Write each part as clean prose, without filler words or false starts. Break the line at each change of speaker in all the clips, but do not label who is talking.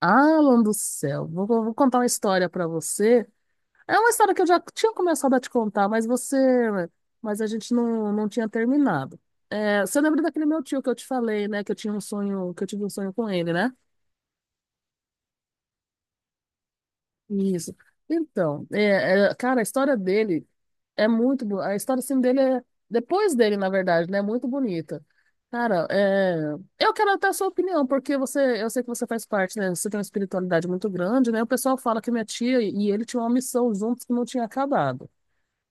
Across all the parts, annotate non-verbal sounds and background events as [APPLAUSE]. Alan do céu, contar uma história pra você. É uma história que eu já tinha começado a te contar, mas a gente não tinha terminado. É, você lembra daquele meu tio que eu te falei, né? Que eu tive um sonho com ele, né? Isso. Então, cara, a história dele é muito boa. A história assim, dele é, depois dele, na verdade, né? É muito bonita. Cara, eu quero até a sua opinião, porque eu sei que você faz parte, né? Você tem uma espiritualidade muito grande, né? O pessoal fala que minha tia e ele tinham uma missão juntos que não tinha acabado.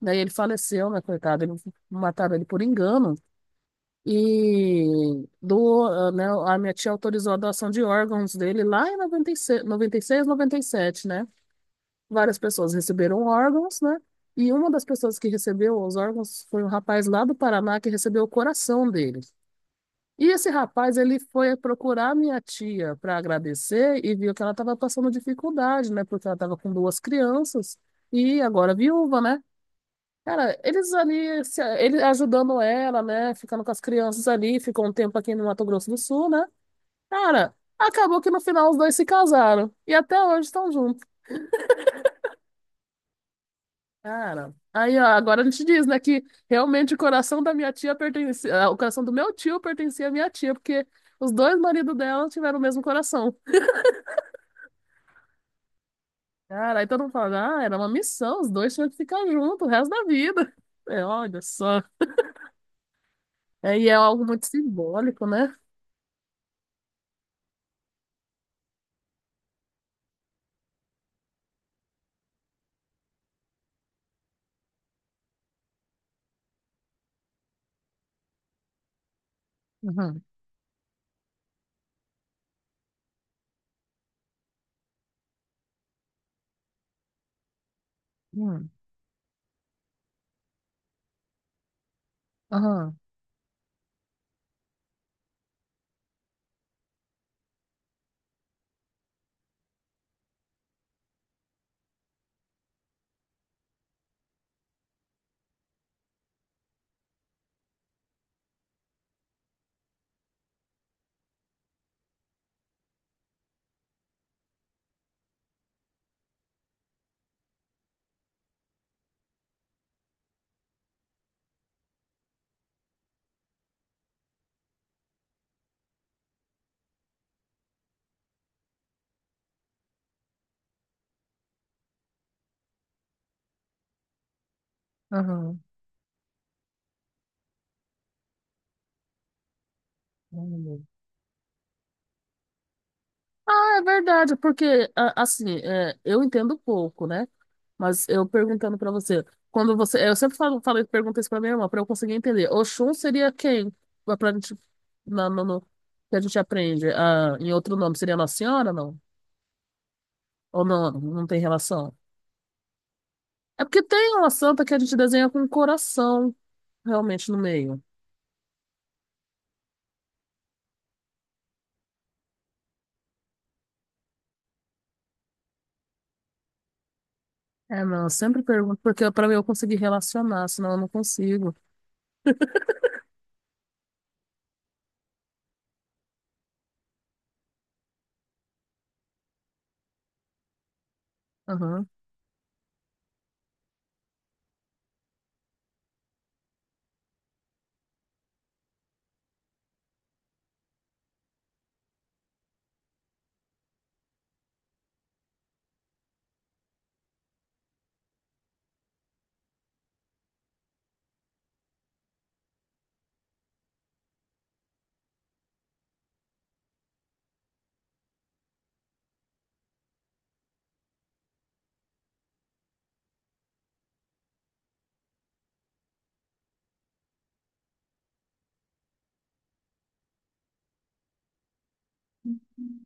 Daí ele faleceu, né, coitado? Mataram ele por engano. E né, a minha tia autorizou a doação de órgãos dele lá em noventa e seis noventa e seis noventa e sete, né? Várias pessoas receberam órgãos, né? E uma das pessoas que recebeu os órgãos foi um rapaz lá do Paraná que recebeu o coração dele. E esse rapaz, ele foi procurar minha tia para agradecer e viu que ela estava passando dificuldade, né? Porque ela estava com duas crianças e agora viúva, né? Cara, eles ali, ele ajudando ela, né? Ficando com as crianças ali, ficou um tempo aqui no Mato Grosso do Sul, né? Cara, acabou que no final os dois se casaram e até hoje estão juntos. Cara, aí ó, agora a gente diz, né, que realmente o coração da minha tia pertencia, o coração do meu tio pertencia à minha tia, porque os dois maridos dela tiveram o mesmo coração. Cara, aí todo mundo fala, era uma missão, os dois tinham que ficar juntos o resto da vida. [LAUGHS] É, olha só. É, e é algo muito simbólico, né? Aham, aham, aham, aham. Ah, é verdade, porque assim, eu entendo pouco, né? Mas eu perguntando pra você, eu sempre falei, pergunto isso pra minha irmã, pra eu conseguir entender. Oxum seria quem? Pra gente, na- no, no- que a gente aprende, em outro nome, seria Nossa Senhora, não? Ou não, não tem relação? É porque tem uma santa que a gente desenha com um coração realmente no meio. É, não, eu sempre pergunto, porque pra mim eu conseguir relacionar, senão eu não consigo.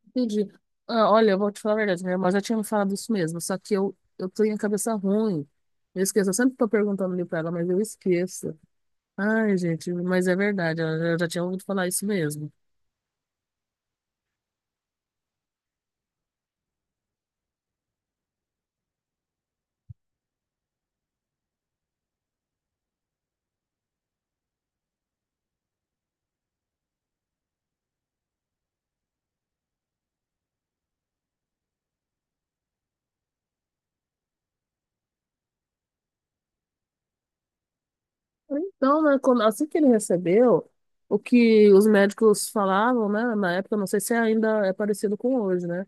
Entendi. Ah, olha, eu vou te falar a verdade, minha irmã já tinha me falado isso mesmo, só que eu tenho a cabeça ruim. Eu esqueço, eu sempre tô perguntando ali pra ela, mas eu esqueço. Ai, gente, mas é verdade, eu já tinha ouvido falar isso mesmo. Então, né, assim que ele recebeu, o que os médicos falavam, né, na época, não sei se ainda é parecido com hoje, né,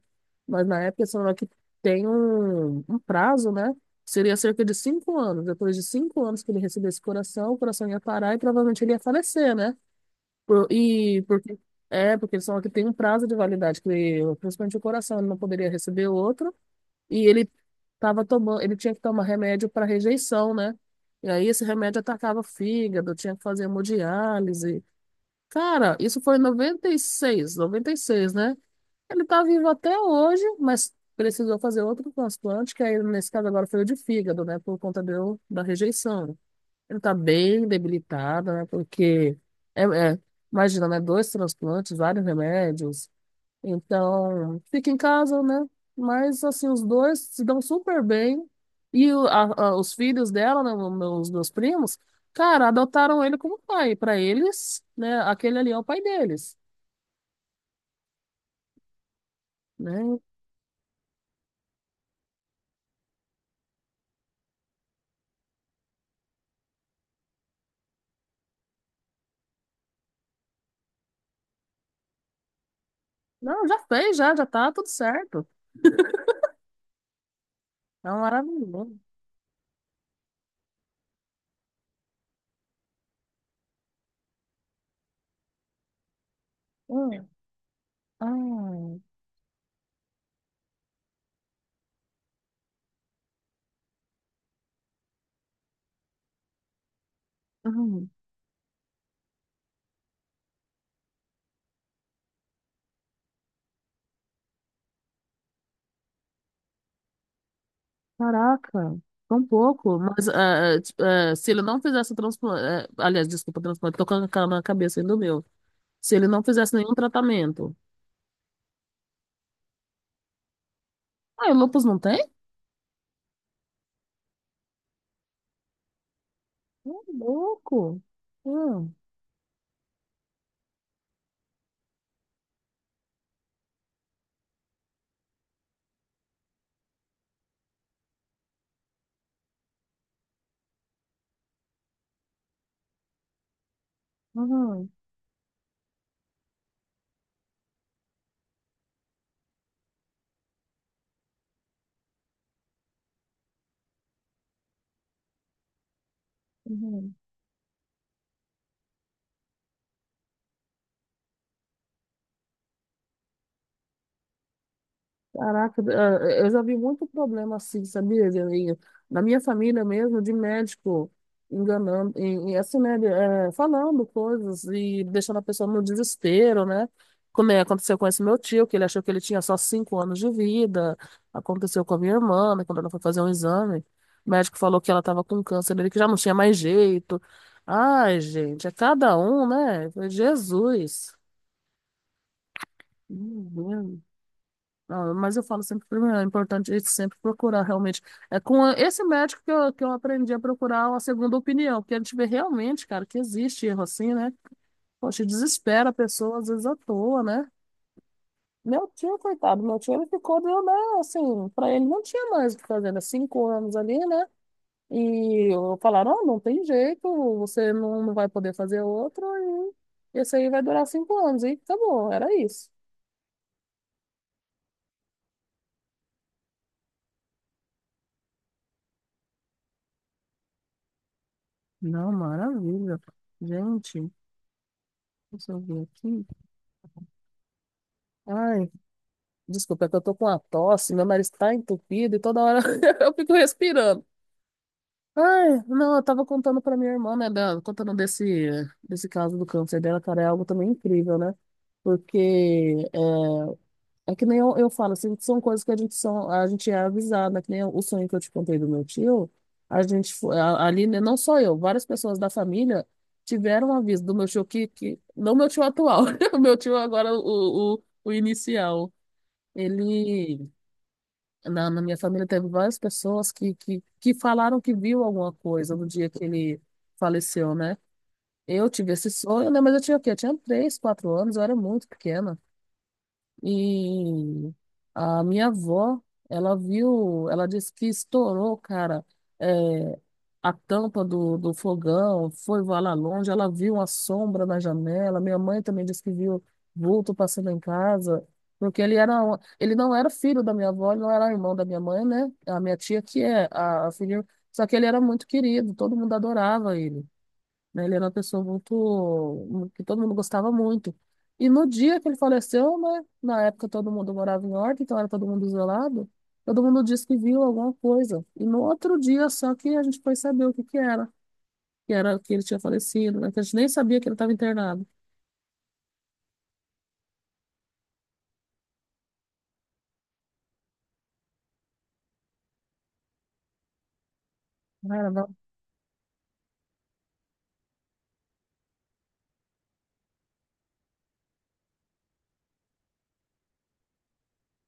mas na época eles falaram que tem um prazo, né, seria cerca de 5 anos. Depois de 5 anos que ele recebesse o coração ia parar e provavelmente ele ia falecer, né? E porque eles falam que tem um prazo de validade, que principalmente o coração, ele não poderia receber outro, e ele tava tomando, ele tinha que tomar remédio para rejeição, né? E aí esse remédio atacava o fígado, tinha que fazer hemodiálise. Cara, isso foi em noventa e seis, né? Ele tá vivo até hoje, mas precisou fazer outro transplante, que aí nesse caso agora foi o de fígado, né? Por conta da rejeição. Ele tá bem debilitado, né? Porque, é, é, imagina, né? Dois transplantes, vários remédios. Então, fica em casa, né? Mas, assim, os dois se dão super bem. E os filhos dela, né? Meus primos, cara, adotaram ele como pai. Pra eles, né? Aquele ali é o pai deles, né? Não, já fez, já tá tudo certo. É um maravilhoso. Hum, ah, hum. Caraca, tão pouco. Mas tipo, se ele não fizesse o transplante. Aliás, desculpa, transplante, tô com a cara na cabeça ainda do meu. Se ele não fizesse nenhum tratamento. Ah, e o lúpus não tem? Ô, louco. Hum, uhum, uhum. Caraca, eu já vi muito problema assim, sabia? E na minha família mesmo, de médico enganando, e assim, né, falando coisas e deixando a pessoa no desespero, né? Como é, aconteceu com esse meu tio, que ele achou que ele tinha só 5 anos de vida. Aconteceu com a minha irmã, né, quando ela foi fazer um exame, o médico falou que ela estava com câncer dele, que já não tinha mais jeito. Ai, gente, é cada um, né? Eu falei, Jesus. Ah, mas eu falo sempre primeiro, é importante a gente sempre procurar realmente. É com esse médico que eu, aprendi a procurar a segunda opinião, porque a gente vê realmente, cara, que existe erro assim, né? Poxa, desespera a pessoa, às vezes à toa, né? Meu tio, coitado, meu tio, ele ficou, deu, né? Assim, pra ele não tinha mais o que fazer, né? 5 anos ali, né? Falaram, ó, não tem jeito, você não vai poder fazer outro, e esse aí vai durar 5 anos, e acabou, era isso. Não, maravilha. Gente, deixa eu ver aqui. Ai, desculpa, é que eu tô com uma tosse, meu nariz tá entupido e toda hora [LAUGHS] eu fico respirando. Ai, não, eu tava contando pra minha irmã, né, contando desse caso do câncer dela, cara, é algo também incrível, né? Porque é que nem eu falo, assim, são coisas que a gente, a gente é avisado, né? Que nem o sonho que eu te contei do meu tio, a gente, fo- a- ali, né, não só eu, várias pessoas da família tiveram um aviso do meu tio que não meu tio atual, [LAUGHS] o meu tio agora, o inicial. Ele, na minha família, teve várias pessoas que falaram que viu alguma coisa no dia que ele faleceu, né? Eu tive esse sonho, né? Mas eu tinha o quê? Eu tinha 3, 4 anos, eu era muito pequena. E a minha avó, ela viu, ela disse que estourou, cara, é, a tampa do fogão, foi voar lá longe, ela viu uma sombra na janela. Minha mãe também disse que viu vulto passando em casa, porque ele não era filho da minha avó, ele não era irmão da minha mãe, né? A minha tia que é a filha, só que ele era muito querido, todo mundo adorava ele, né? Ele era uma pessoa muito, que todo mundo gostava muito. E no dia que ele faleceu, né? Na época todo mundo morava em Horta, então era todo mundo isolado. Todo mundo disse que viu alguma coisa. E no outro dia só que a gente foi saber o que que era, que era que ele tinha falecido, né? Que a gente nem sabia que ele estava internado. Ai, ela não.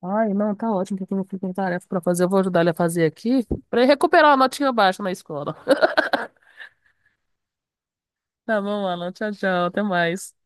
Ai, não, tá ótimo, porque eu não fico com tarefa pra fazer. Eu vou ajudar ele a fazer aqui, pra ele recuperar uma notinha baixa na escola. [LAUGHS] Tá bom, Alan. Tchau, tchau. Até mais.